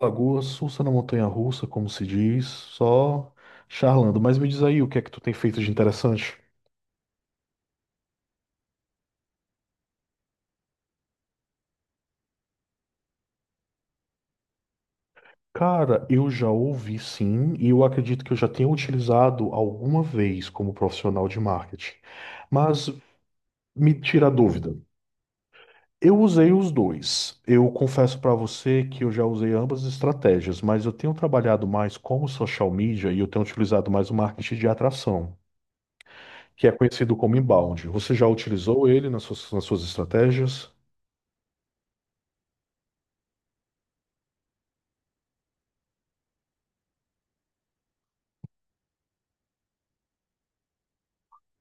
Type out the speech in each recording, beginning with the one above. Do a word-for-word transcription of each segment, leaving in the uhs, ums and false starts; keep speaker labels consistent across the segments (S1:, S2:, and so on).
S1: Lagoa Sussa na Montanha Russa, como se diz, só charlando. Mas me diz aí o que é que tu tem feito de interessante? Cara, eu já ouvi sim, e eu acredito que eu já tenha utilizado alguma vez como profissional de marketing. Mas me tira a dúvida. Eu usei os dois. Eu confesso para você que eu já usei ambas as estratégias, mas eu tenho trabalhado mais como social media e eu tenho utilizado mais o marketing de atração, que é conhecido como inbound. Você já utilizou ele nas suas nas suas estratégias?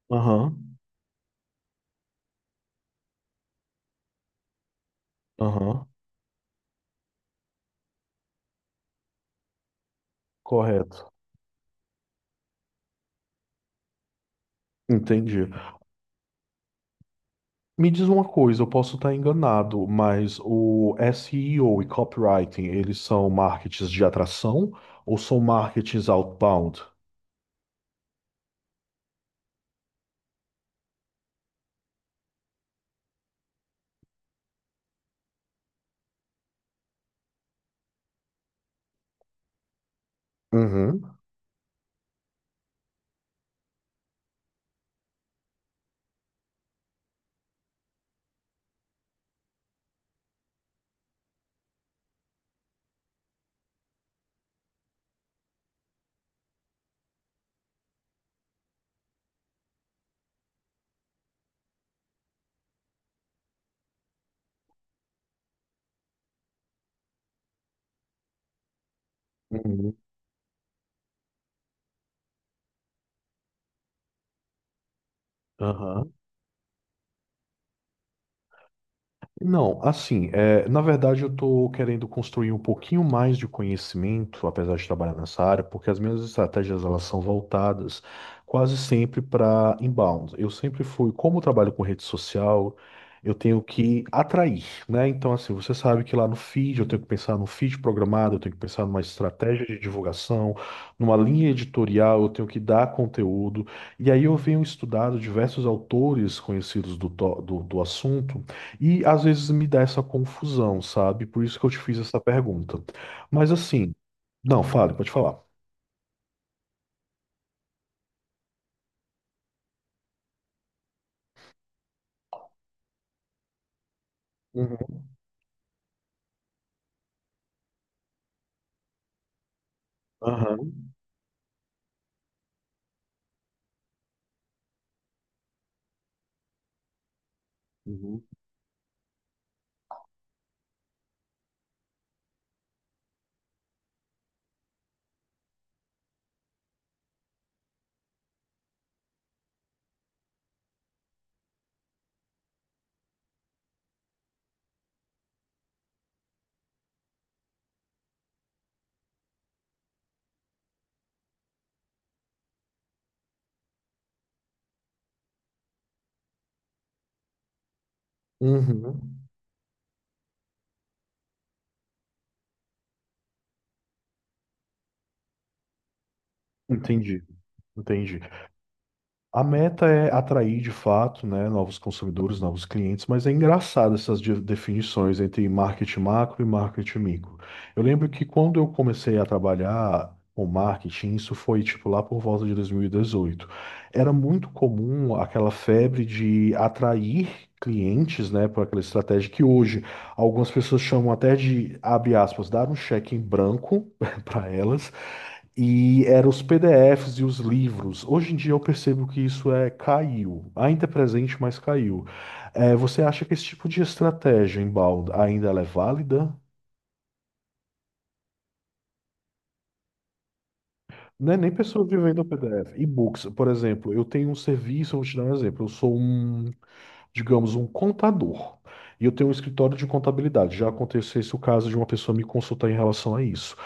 S1: Aham, aham, correto. Entendi. Me diz uma coisa, eu posso estar enganado, mas o S E O e O e copywriting, eles são marketings de atração ou são marketings outbound? Uhum. Uhum. Não, assim, é, na verdade eu estou querendo construir um pouquinho mais de conhecimento, apesar de trabalhar nessa área, porque as minhas estratégias elas são voltadas quase sempre para inbound. Eu sempre fui, como eu trabalho com rede social, eu tenho que atrair, né? Então, assim, você sabe que lá no feed eu tenho que pensar no feed programado, eu tenho que pensar numa estratégia de divulgação, numa linha editorial, eu tenho que dar conteúdo. E aí eu venho estudado diversos autores conhecidos do, to- do do assunto. E às vezes me dá essa confusão, sabe? Por isso que eu te fiz essa pergunta. Mas assim, não, fale, pode falar. Uhum. Aham. Uhum. Uhum. Entendi, entendi. A meta é atrair de fato, né, novos consumidores, novos clientes, mas é engraçado essas de- definições entre marketing macro e marketing micro. Eu lembro que quando eu comecei a trabalhar com marketing, isso foi tipo lá por volta de dois mil e dezoito. Era muito comum aquela febre de atrair clientes, né, por aquela estratégia que hoje algumas pessoas chamam até de, abre aspas, dar um cheque em branco para elas, e eram os P D Fs e os livros. Hoje em dia eu percebo que isso é caiu, ainda é presente, mas caiu. É, você acha que esse tipo de estratégia inbound ainda ela é válida? Não é nem pessoa vivendo o P D F. E-books, por exemplo, eu tenho um serviço, eu vou te dar um exemplo. Eu sou um, digamos, um contador. E eu tenho um escritório de contabilidade. Já aconteceu esse o caso de uma pessoa me consultar em relação a isso.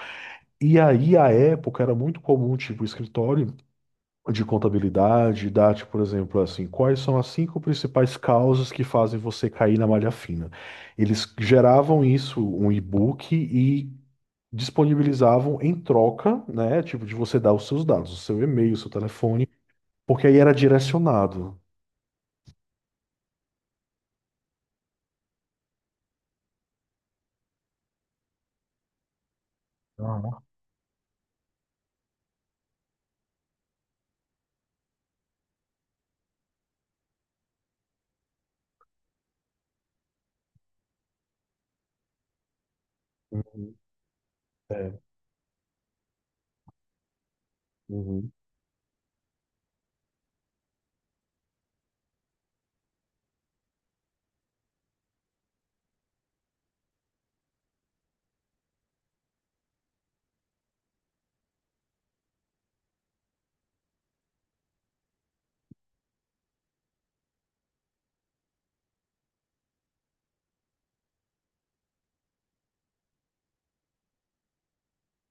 S1: E aí, à época, era muito comum, tipo, o escritório de contabilidade, D A T, por exemplo, assim, quais são as cinco principais causas que fazem você cair na malha fina? Eles geravam isso, um e-book, e disponibilizavam em troca, né? Tipo, de você dar os seus dados, o seu e-mail, o seu telefone, porque aí era direcionado. Aham. Uhum. É. Uhum.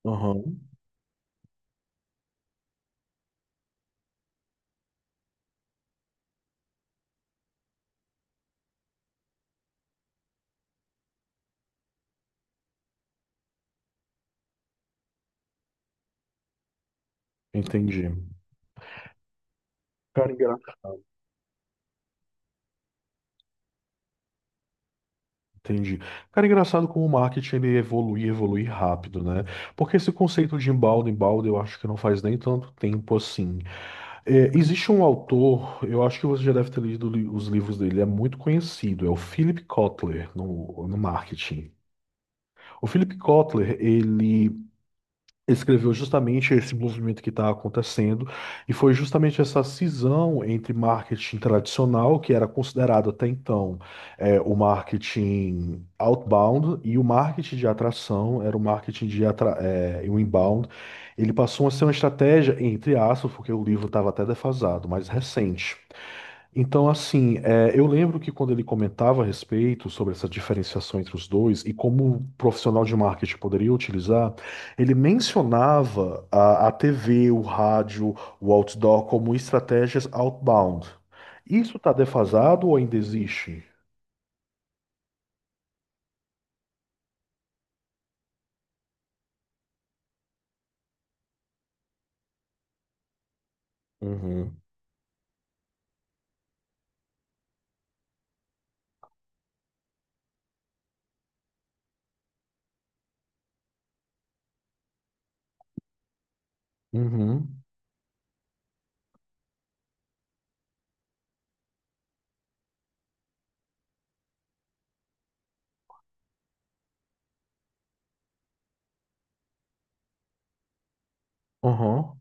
S1: Aham. Entendi. Cara, engra- Entendi. Cara, engraçado como o marketing ele evolui, evolui rápido, né? Porque esse conceito de embalde, embalde, eu acho que não faz nem tanto tempo assim. É, existe um autor, eu acho que você já deve ter lido li- os livros dele, é muito conhecido, é o Philip Kotler no, no marketing. O Philip Kotler, ele escreveu justamente esse movimento que está acontecendo, e foi justamente essa cisão entre marketing tradicional, que era considerado até então é, o marketing outbound, e o marketing de atração, era o marketing de atra é, o inbound. Ele passou a ser uma estratégia, entre aspas, porque o livro estava até defasado, mas recente. Então, assim, é, eu lembro que quando ele comentava a respeito sobre essa diferenciação entre os dois e como o profissional de marketing poderia utilizar, ele mencionava a, a T V, o rádio, o outdoor como estratégias outbound. Isso está defasado ou ainda existe? Uhum. Uhum. Uhum.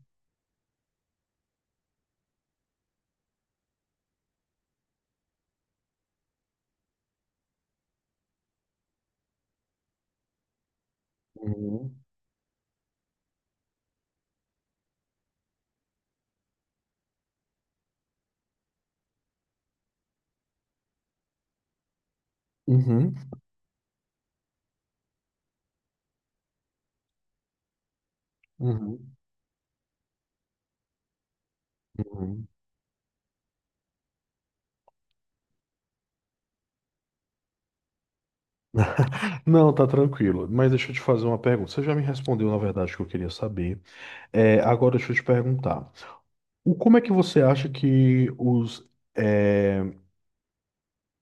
S1: Uhum. Uhum. Uhum. Uhum. Não, tá tranquilo. Mas deixa eu te fazer uma pergunta. Você já me respondeu, na verdade, o que eu queria saber. É, agora deixa eu te perguntar. O- Como é que você acha que os, eh,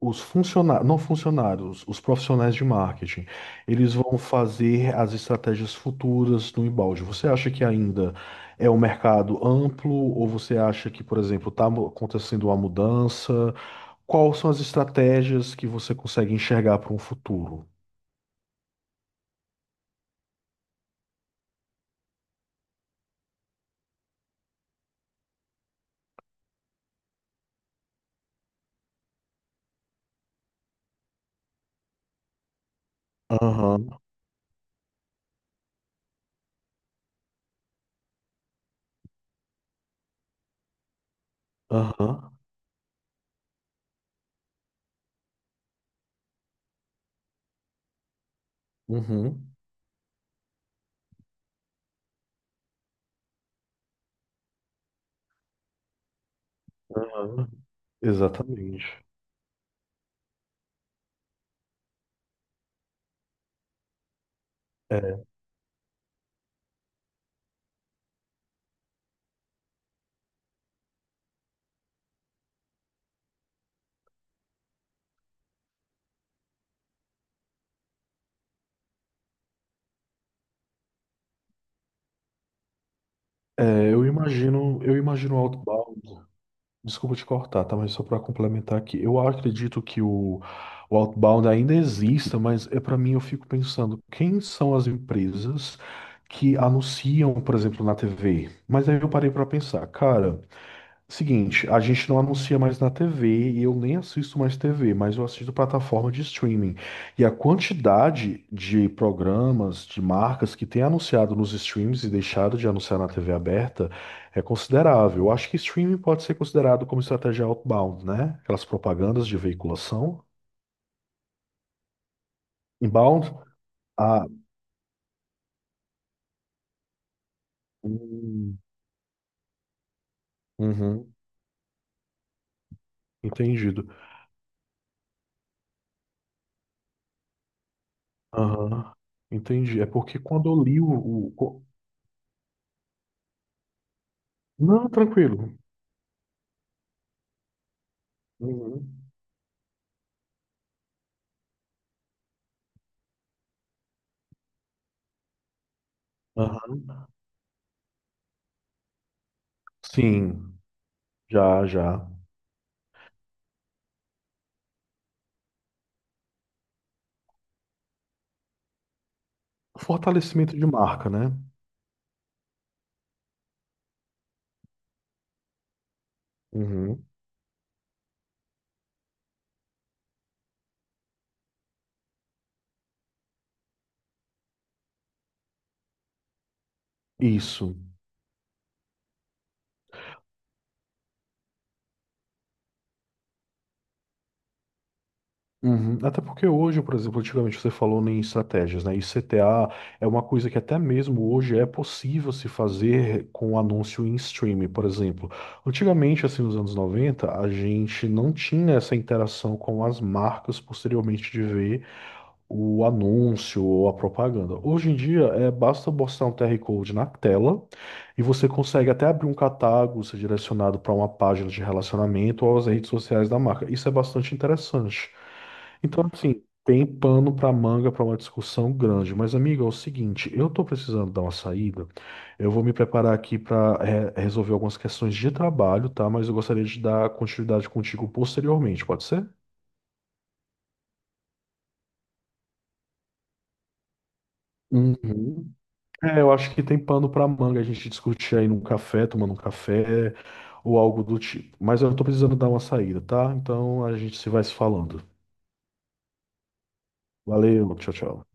S1: os funcionários, não funcionários, os profissionais de marketing, eles vão fazer as estratégias futuras no embalde? Você acha que ainda é um mercado amplo ou você acha que, por exemplo, está acontecendo uma mudança? Quais são as estratégias que você consegue enxergar para um futuro? Aham. Aham. Uhum. Aham. Exatamente. É, é, eu imagino, eu imagino o outbound. Desculpa te cortar, tá? Mas só para complementar aqui, eu acredito que o, o outbound ainda exista, mas é para mim eu fico pensando, quem são as empresas que anunciam, por exemplo, na T V? Mas aí eu parei para pensar, cara. Seguinte, a gente não anuncia mais na T V e eu nem assisto mais T V, mas eu assisto plataforma de streaming. E a quantidade de programas, de marcas que tem anunciado nos streams e deixado de anunciar na T V aberta é considerável. Eu acho que streaming pode ser considerado como estratégia outbound, né? Aquelas propagandas de veiculação. Inbound? Ah, hum. Uhum. Entendido. Aham, entendi. É porque quando eu li o... o- co- Não, tranquilo. Uhum. Aham. Sim, já, já. Fortalecimento de marca, né? Uhum. Isso. Uhum. Até porque hoje, por exemplo, antigamente você falou em estratégias, né? E C T A é uma coisa que até mesmo hoje é possível se fazer com anúncio em streaming, por exemplo. Antigamente, assim, nos anos noventa, a gente não tinha essa interação com as marcas posteriormente de ver o anúncio ou a propaganda. Hoje em dia, é, basta mostrar um Q R Code na tela e você consegue até abrir um catálogo, ser direcionado para uma página de relacionamento ou às redes sociais da marca. Isso é bastante interessante. Então, assim, tem pano para manga para uma discussão grande. Mas, amigo é o seguinte, eu estou precisando dar uma saída. Eu vou me preparar aqui para resolver algumas questões de trabalho, tá? Mas eu gostaria de dar continuidade contigo posteriormente, pode ser? Uhum. É, eu acho que tem pano para manga a gente discutir aí num café, tomando um café ou algo do tipo. Mas eu estou precisando dar uma saída, tá? Então a gente se vai se falando. Valeu, tchau, tchau.